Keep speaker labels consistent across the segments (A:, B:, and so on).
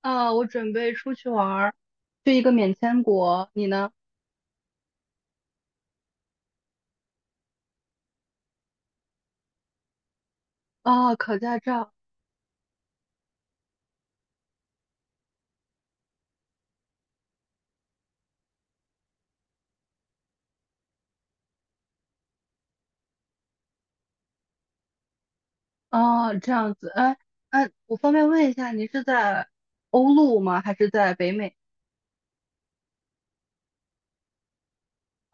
A: 啊，我准备出去玩儿，去一个免签国。你呢？啊，考驾照。啊，这样子。哎，哎，我方便问一下，你是在欧陆吗？还是在北美？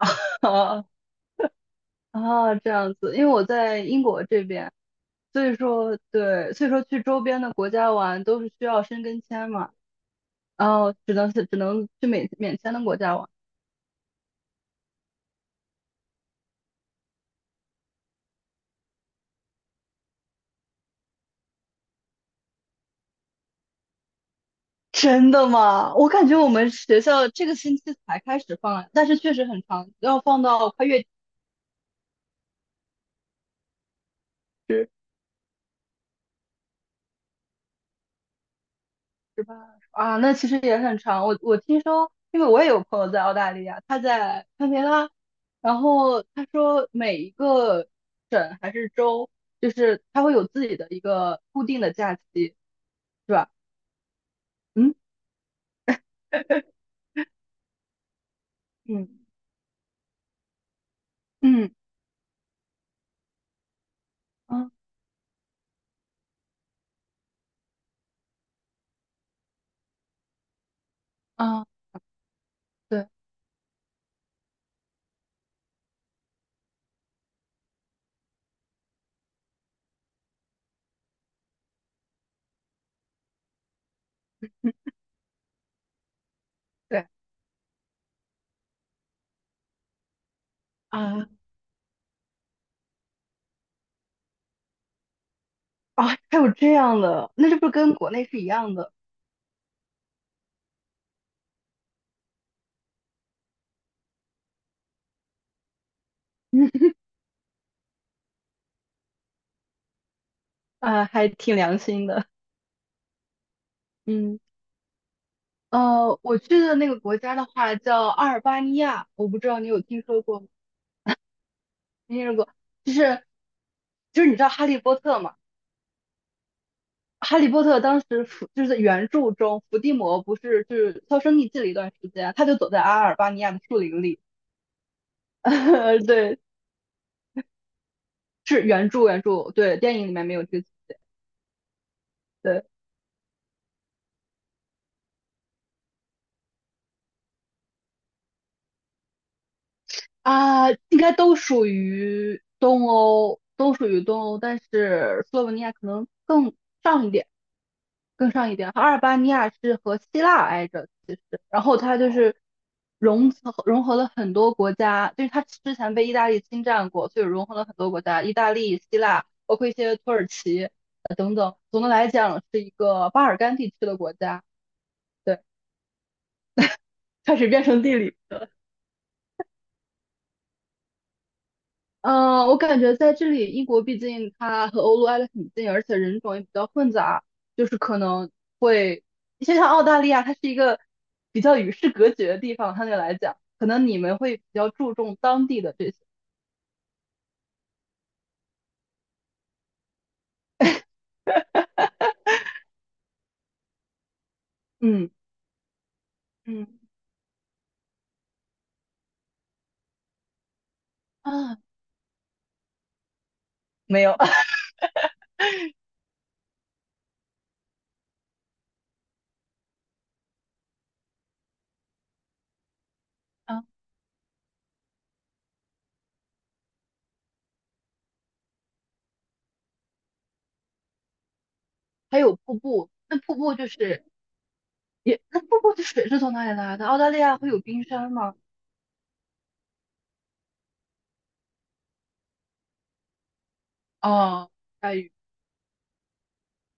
A: 啊啊，这样子。因为我在英国这边，所以说对，所以说去周边的国家玩都是需要申根签嘛。然后只能是只能去免签的国家玩。真的吗？我感觉我们学校这个星期才开始放，但是确实很长，要放到快月底。十八啊，那其实也很长。我听说，因为我也有朋友在澳大利亚，他在堪培拉，然后他说每一个省还是州，就是他会有自己的一个固定的假期，是吧？嗯嗯嗯嗯啊，对对啊，啊，还有这样的，那是不是跟国内是一样的？啊，还挺良心的。嗯，我去的那个国家的话叫阿尔巴尼亚，我不知道你有听说过吗？尼说过，就是就是你知道《哈利波特》吗？《哈利波特》当时伏就是在原著中，伏地魔不是就是销声匿迹了一段时间，他就躲在阿尔巴尼亚的树林里。对，是原著，对，电影里面没有剧情。对啊，应该都属于东欧，都属于东欧，但是斯洛文尼亚可能更。上一点。更上一点，阿尔巴尼亚是和希腊挨着，其实，然后它就是融合了很多国家，就是它之前被意大利侵占过，所以融合了很多国家，意大利、希腊，包括一些土耳其。总的来讲，是一个巴尔干地区的国家。对，开始变成地理。嗯，我感觉在这里，英国毕竟它和欧陆挨得很近，而且人种也比较混杂，就是可能会，就像澳大利亚，它是一个比较与世隔绝的地方，相对来讲，可能你们会比较注重当地的这些。嗯嗯啊，没有 啊，还有瀑布，那瀑布就是也，那瀑布的水是从哪里来的？澳大利亚会有冰山吗？哦，雨。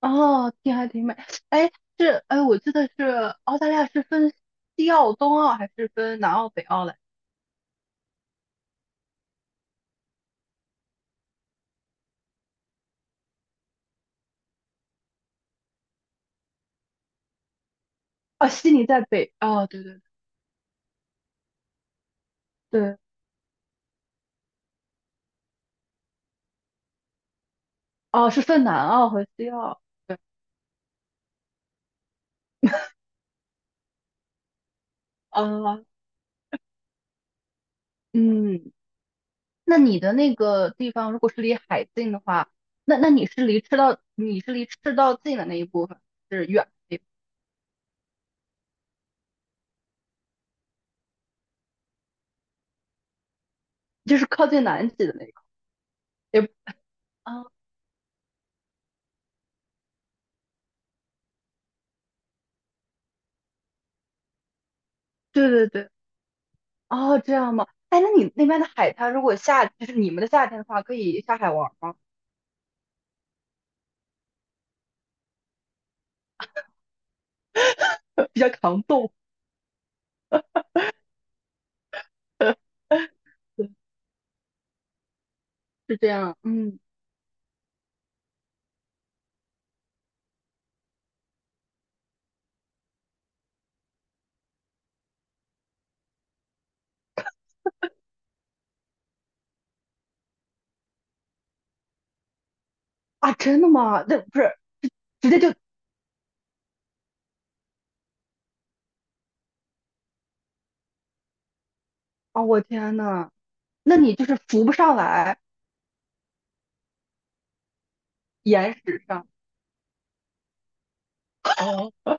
A: 哦，天还挺美。哎，是哎，我记得是澳大利亚是分西澳、东澳还是分南澳、北澳嘞？哦，悉尼在北。哦，对对对，哦，是分南澳和西澳。哦，嗯，那你的那个地方如果是离海近的话，那那你是离赤道，你是离赤道近的那一部分，是远的地方就是靠近南极的那一块。也啊，对对对，哦，这样吗？哎，那你那边的海滩，如果夏，就是你们的夏天的话，可以下海玩吗？比较抗冻。对，是这样，嗯啊，真的吗？那不是直接就啊，我天呐，那你就是浮不上来岩石上，哦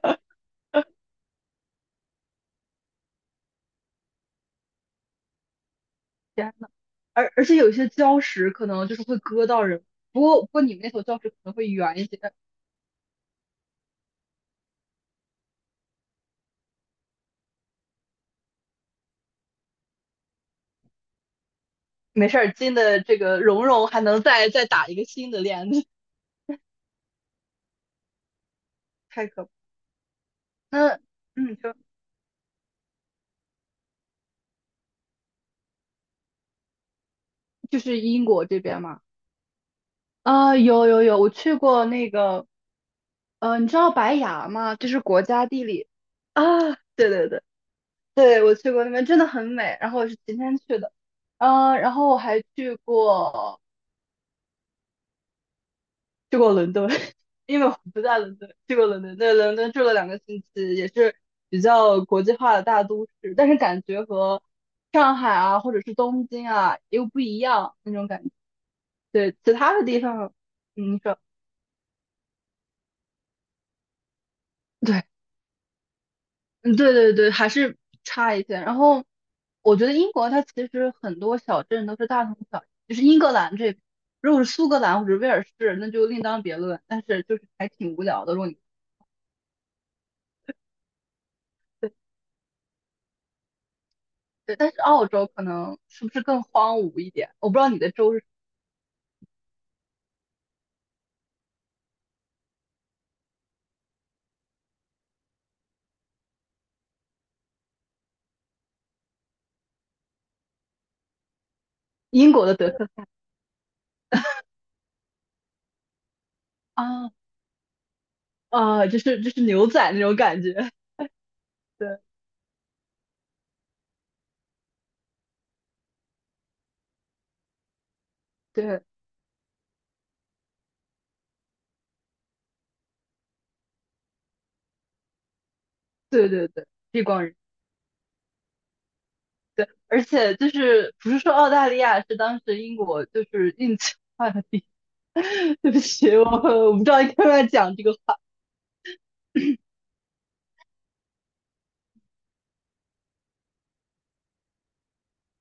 A: 天呐，而且有些礁石可能就是会割到人，不过你们那所礁石可能会圆一些，没事儿，金的这个蓉融还能再打一个新的链子，太可怕。那嗯，就就是英国这边嘛，啊，有有有，我去过那个，你知道白崖吗？就是国家地理。啊，对对对。对，我去过那边，真的很美。然后我是晴天去的，嗯，然后我还去过伦敦，因为我不在伦敦，去过伦敦，对，伦敦住了两个星期，也是比较国际化的大都市，但是感觉和上海啊或者是东京啊又不一样那种感觉。对，其他的地方，嗯你说。嗯，对对对，还是差一些。然后我觉得英国它其实很多小镇都是大同小异，就是英格兰这边，如果是苏格兰或者威尔士，那就另当别论。但是就是还挺无聊的，如果你对对，但是澳洲可能是不是更荒芜一点？我不知道你的州是英国的德克啊啊，就是牛仔那种感觉，对对对对对，地广人稀对，而且就是不是说澳大利亚是当时英国就是运气坏了。对不起，我不知道应该不该讲这个话。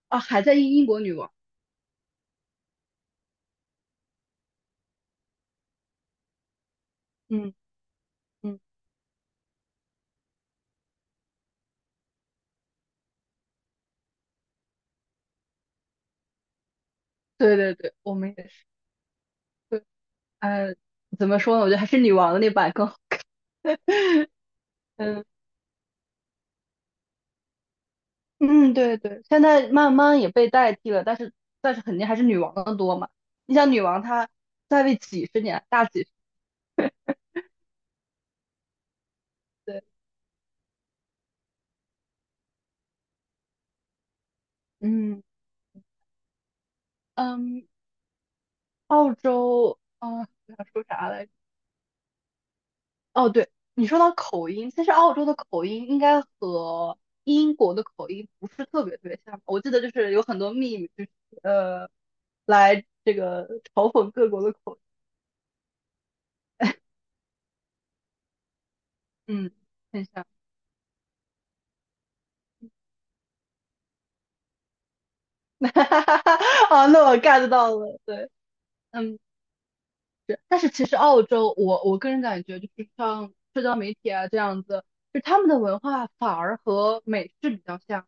A: 啊，还在英国女王，嗯嗯，对对对，我们也是。对，呃，怎么说呢？我觉得还是女王的那版更好。嗯嗯，对对，现在慢慢也被代替了，但是但是肯定还是女王的多嘛。你想，女王她在位几十年，大几十。对，嗯嗯，澳洲，啊、我想说啥来着？哦，对，你说到口音，其实澳洲的口音应该和英国的口音不是特别特别像。我记得就是有很多秘 e 就是呃，来这个嘲讽各国的口音嗯，很像。啊，那我 get 到了，对，嗯，是。但是其实澳洲，我个人感觉就是像社交媒体啊这样子，就他们的文化反而和美式比较像，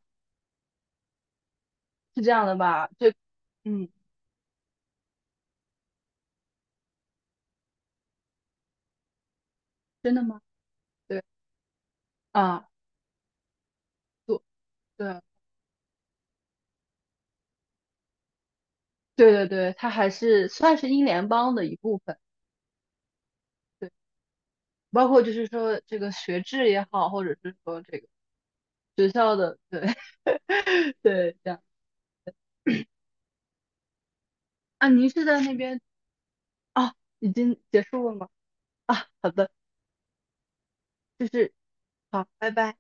A: 是这样的吧？这，嗯，真的吗？对啊，对。对对对，它还是算是英联邦的一部分，对，包括就是说这个学制也好，或者是说这个学校的，对 对，这样啊，您是在那边啊，已经结束了吗？啊，好的，就是好，拜拜。